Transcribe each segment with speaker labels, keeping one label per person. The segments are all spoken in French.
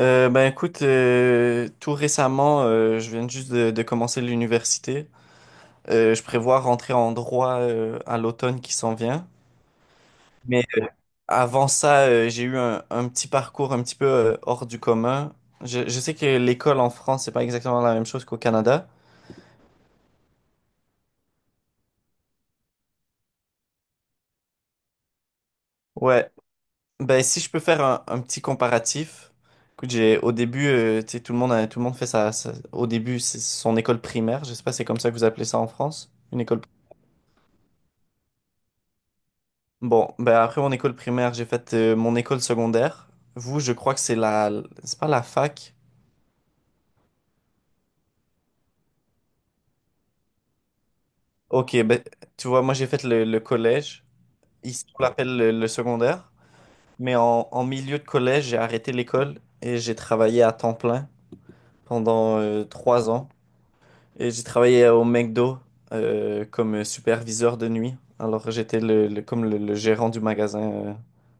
Speaker 1: Ben écoute, tout récemment, je viens juste de commencer l'université. Je prévois rentrer en droit à l'automne qui s'en vient. Mais avant ça, j'ai eu un petit parcours un petit peu hors du commun. Je sais que l'école en France, c'est pas exactement la même chose qu'au Canada. Ouais, ben si je peux faire un petit comparatif. Écoute, j'ai au début, tu sais, tout le monde fait ça. Au début, c'est son école primaire. Je sais pas, c'est comme ça que vous appelez ça en France, une école primaire. Bon, ben après mon école primaire, j'ai fait mon école secondaire. Vous, je crois que c'est pas la fac. Ok, ben tu vois, moi j'ai fait le collège. Ici, on l'appelle le secondaire. Mais en milieu de collège, j'ai arrêté l'école et j'ai travaillé à temps plein pendant 3 ans. Et j'ai travaillé au McDo comme superviseur de nuit. Alors j'étais comme le gérant du magasin,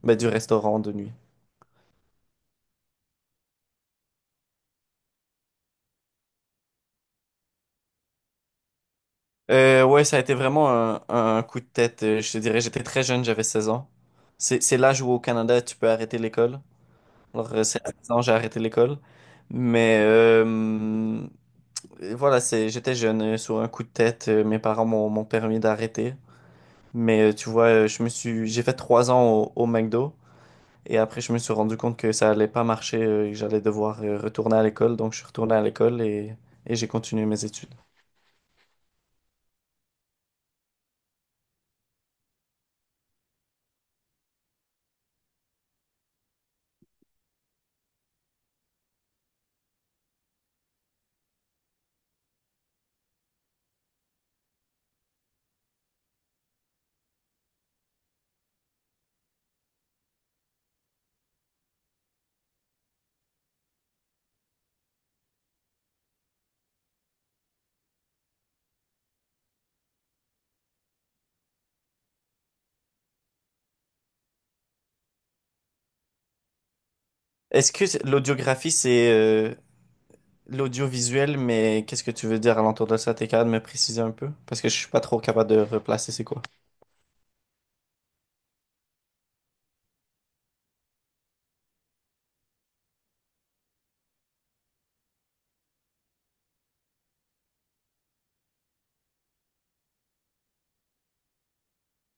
Speaker 1: ben, du restaurant de nuit. Ouais, ça a été vraiment un coup de tête. Je te dirais, j'étais très jeune, j'avais 16 ans. C'est l'âge où au Canada, tu peux arrêter l'école. Alors, c'est à 16 ans, j'ai arrêté l'école. Mais voilà, c'est, j'étais jeune, sur un coup de tête, mes parents m'ont permis d'arrêter. Mais tu vois, j'ai fait 3 ans au McDo. Et après, je me suis rendu compte que ça allait pas marcher, et que j'allais devoir retourner à l'école. Donc, je suis retourné à l'école et j'ai continué mes études. L'audiographie, l'audiovisuel, mais qu'est-ce que tu veux dire à l'entour de ça? T'es capable de me préciser un peu? Parce que je suis pas trop capable de replacer c'est quoi.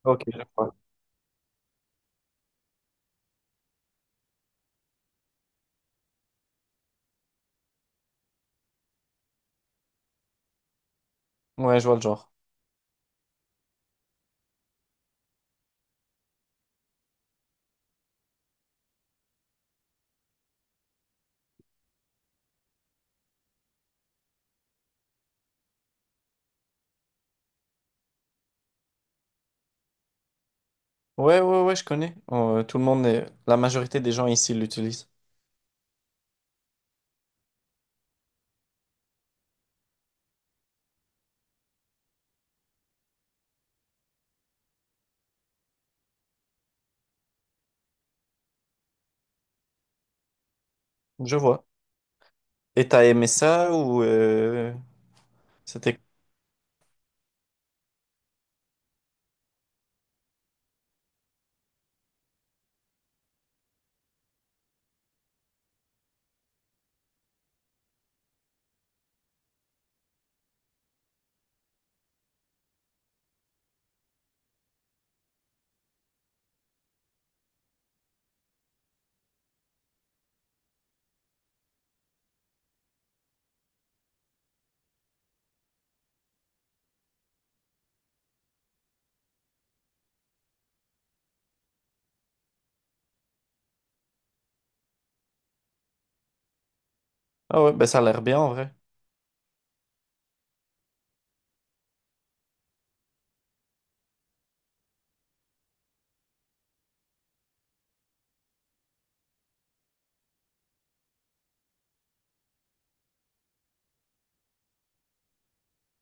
Speaker 1: Ok, je vois. Ouais, je vois le genre. Ouais, ouais, ouais, je connais. Tout le monde, la majorité des gens ici l'utilisent. Je vois. Et t'as aimé ça c'était... Ah ouais, ben ça a l'air bien en vrai.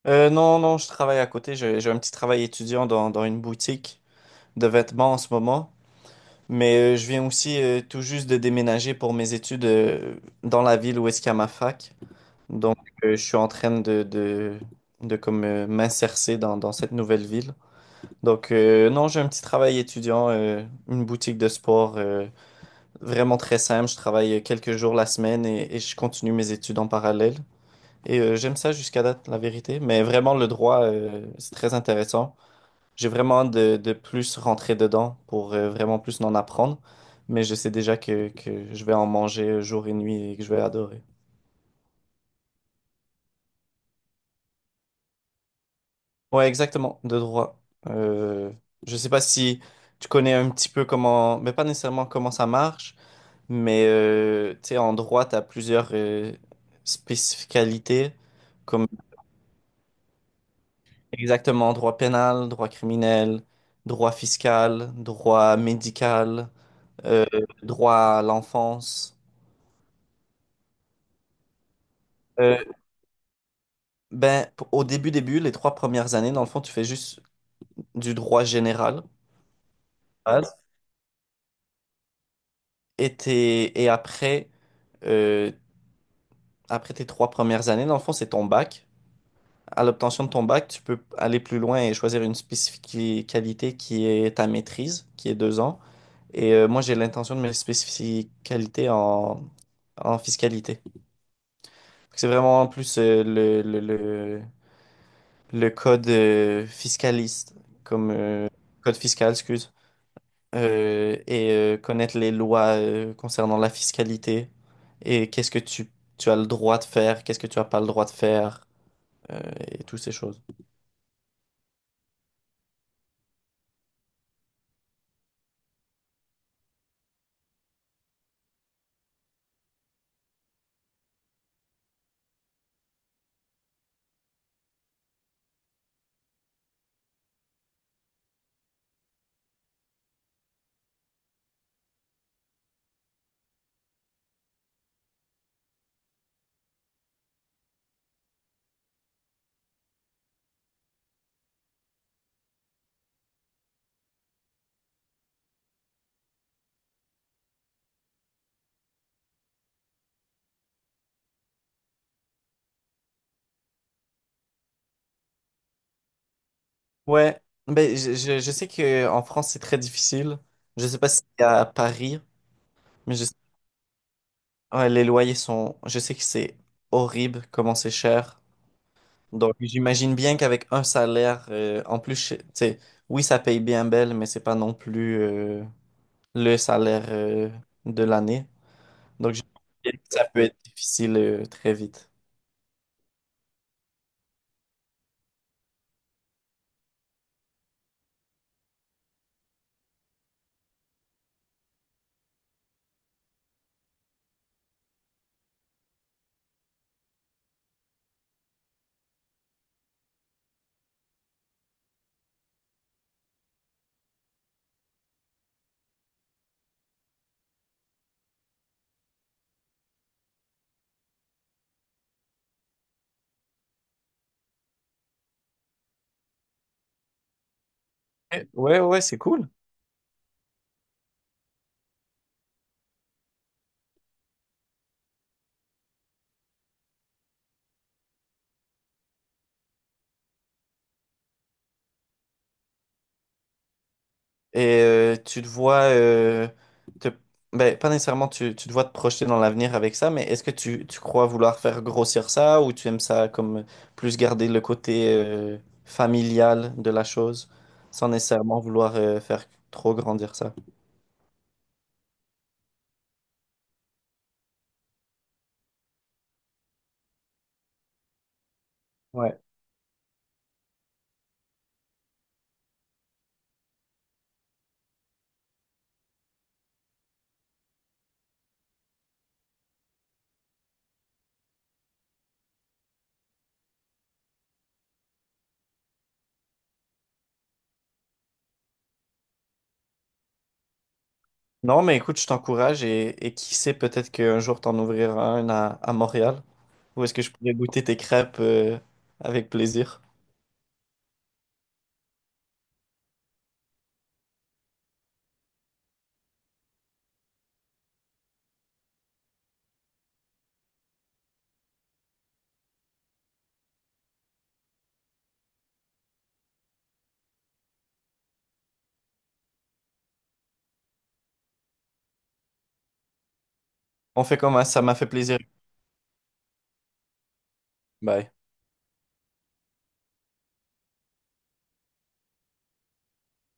Speaker 1: Non, non, je travaille à côté. J'ai un petit travail étudiant dans une boutique de vêtements en ce moment. Mais je viens aussi tout juste de déménager pour mes études dans la ville où est-ce qu'il y a ma fac. Donc, je suis en train de comme m'insercer dans cette nouvelle ville. Donc, non, j'ai un petit travail étudiant, une boutique de sport vraiment très simple. Je travaille quelques jours la semaine et je continue mes études en parallèle. Et j'aime ça jusqu'à date, la vérité. Mais vraiment, le droit, c'est très intéressant. J'ai vraiment hâte de plus rentrer dedans pour vraiment plus en apprendre. Mais je sais déjà que je vais en manger jour et nuit et que je vais adorer. Ouais, exactement, de droit. Euh, je sais pas si tu connais un petit peu comment, mais pas nécessairement comment ça marche, mais tu sais, en droit, tu as plusieurs spécificalités, comme exactement droit pénal, droit criminel, droit fiscal, droit médical, euh, droit à l'enfance. Euh, Au début, début, les 3 premières années, dans le fond, tu fais juste du droit général. Base. Et après, euh, après tes 3 premières années, dans le fond, c'est ton bac. À l'obtention de ton bac, tu peux aller plus loin et choisir une spécificalité qui est ta maîtrise, qui est 2 ans. Et moi, j'ai l'intention de mes spécificalités en fiscalité. C'est vraiment plus le code fiscaliste, comme code fiscal, excuse. Connaître les lois concernant la fiscalité et tu as le droit de faire, qu'est-ce que tu n'as pas le droit de faire, euh, et toutes ces choses. Ouais, ben, je sais qu'en France, c'est très difficile. Je sais pas si c'est à Paris, mais je sais, ouais, les loyers sont... Je sais que c'est horrible comment c'est cher. Donc, j'imagine bien qu'avec un salaire, en plus, tu sais, oui, ça paye bien belle, mais c'est pas non plus le salaire de l'année. Donc, j'imagine que ça peut être difficile très vite. Eh, ouais, ouais, c'est cool. Et tu te vois, te- ben, pas nécessairement tu te vois te projeter dans l'avenir avec ça, mais est-ce que tu crois vouloir faire grossir ça ou tu aimes ça comme plus garder le côté familial de la chose sans nécessairement vouloir faire trop grandir ça? Ouais. Non, mais écoute, je t'encourage et qui sait, peut-être qu'un jour t'en ouvriras un à Montréal ou est-ce que je pourrais goûter tes crêpes avec plaisir? On fait comme ça m'a fait plaisir. Bye.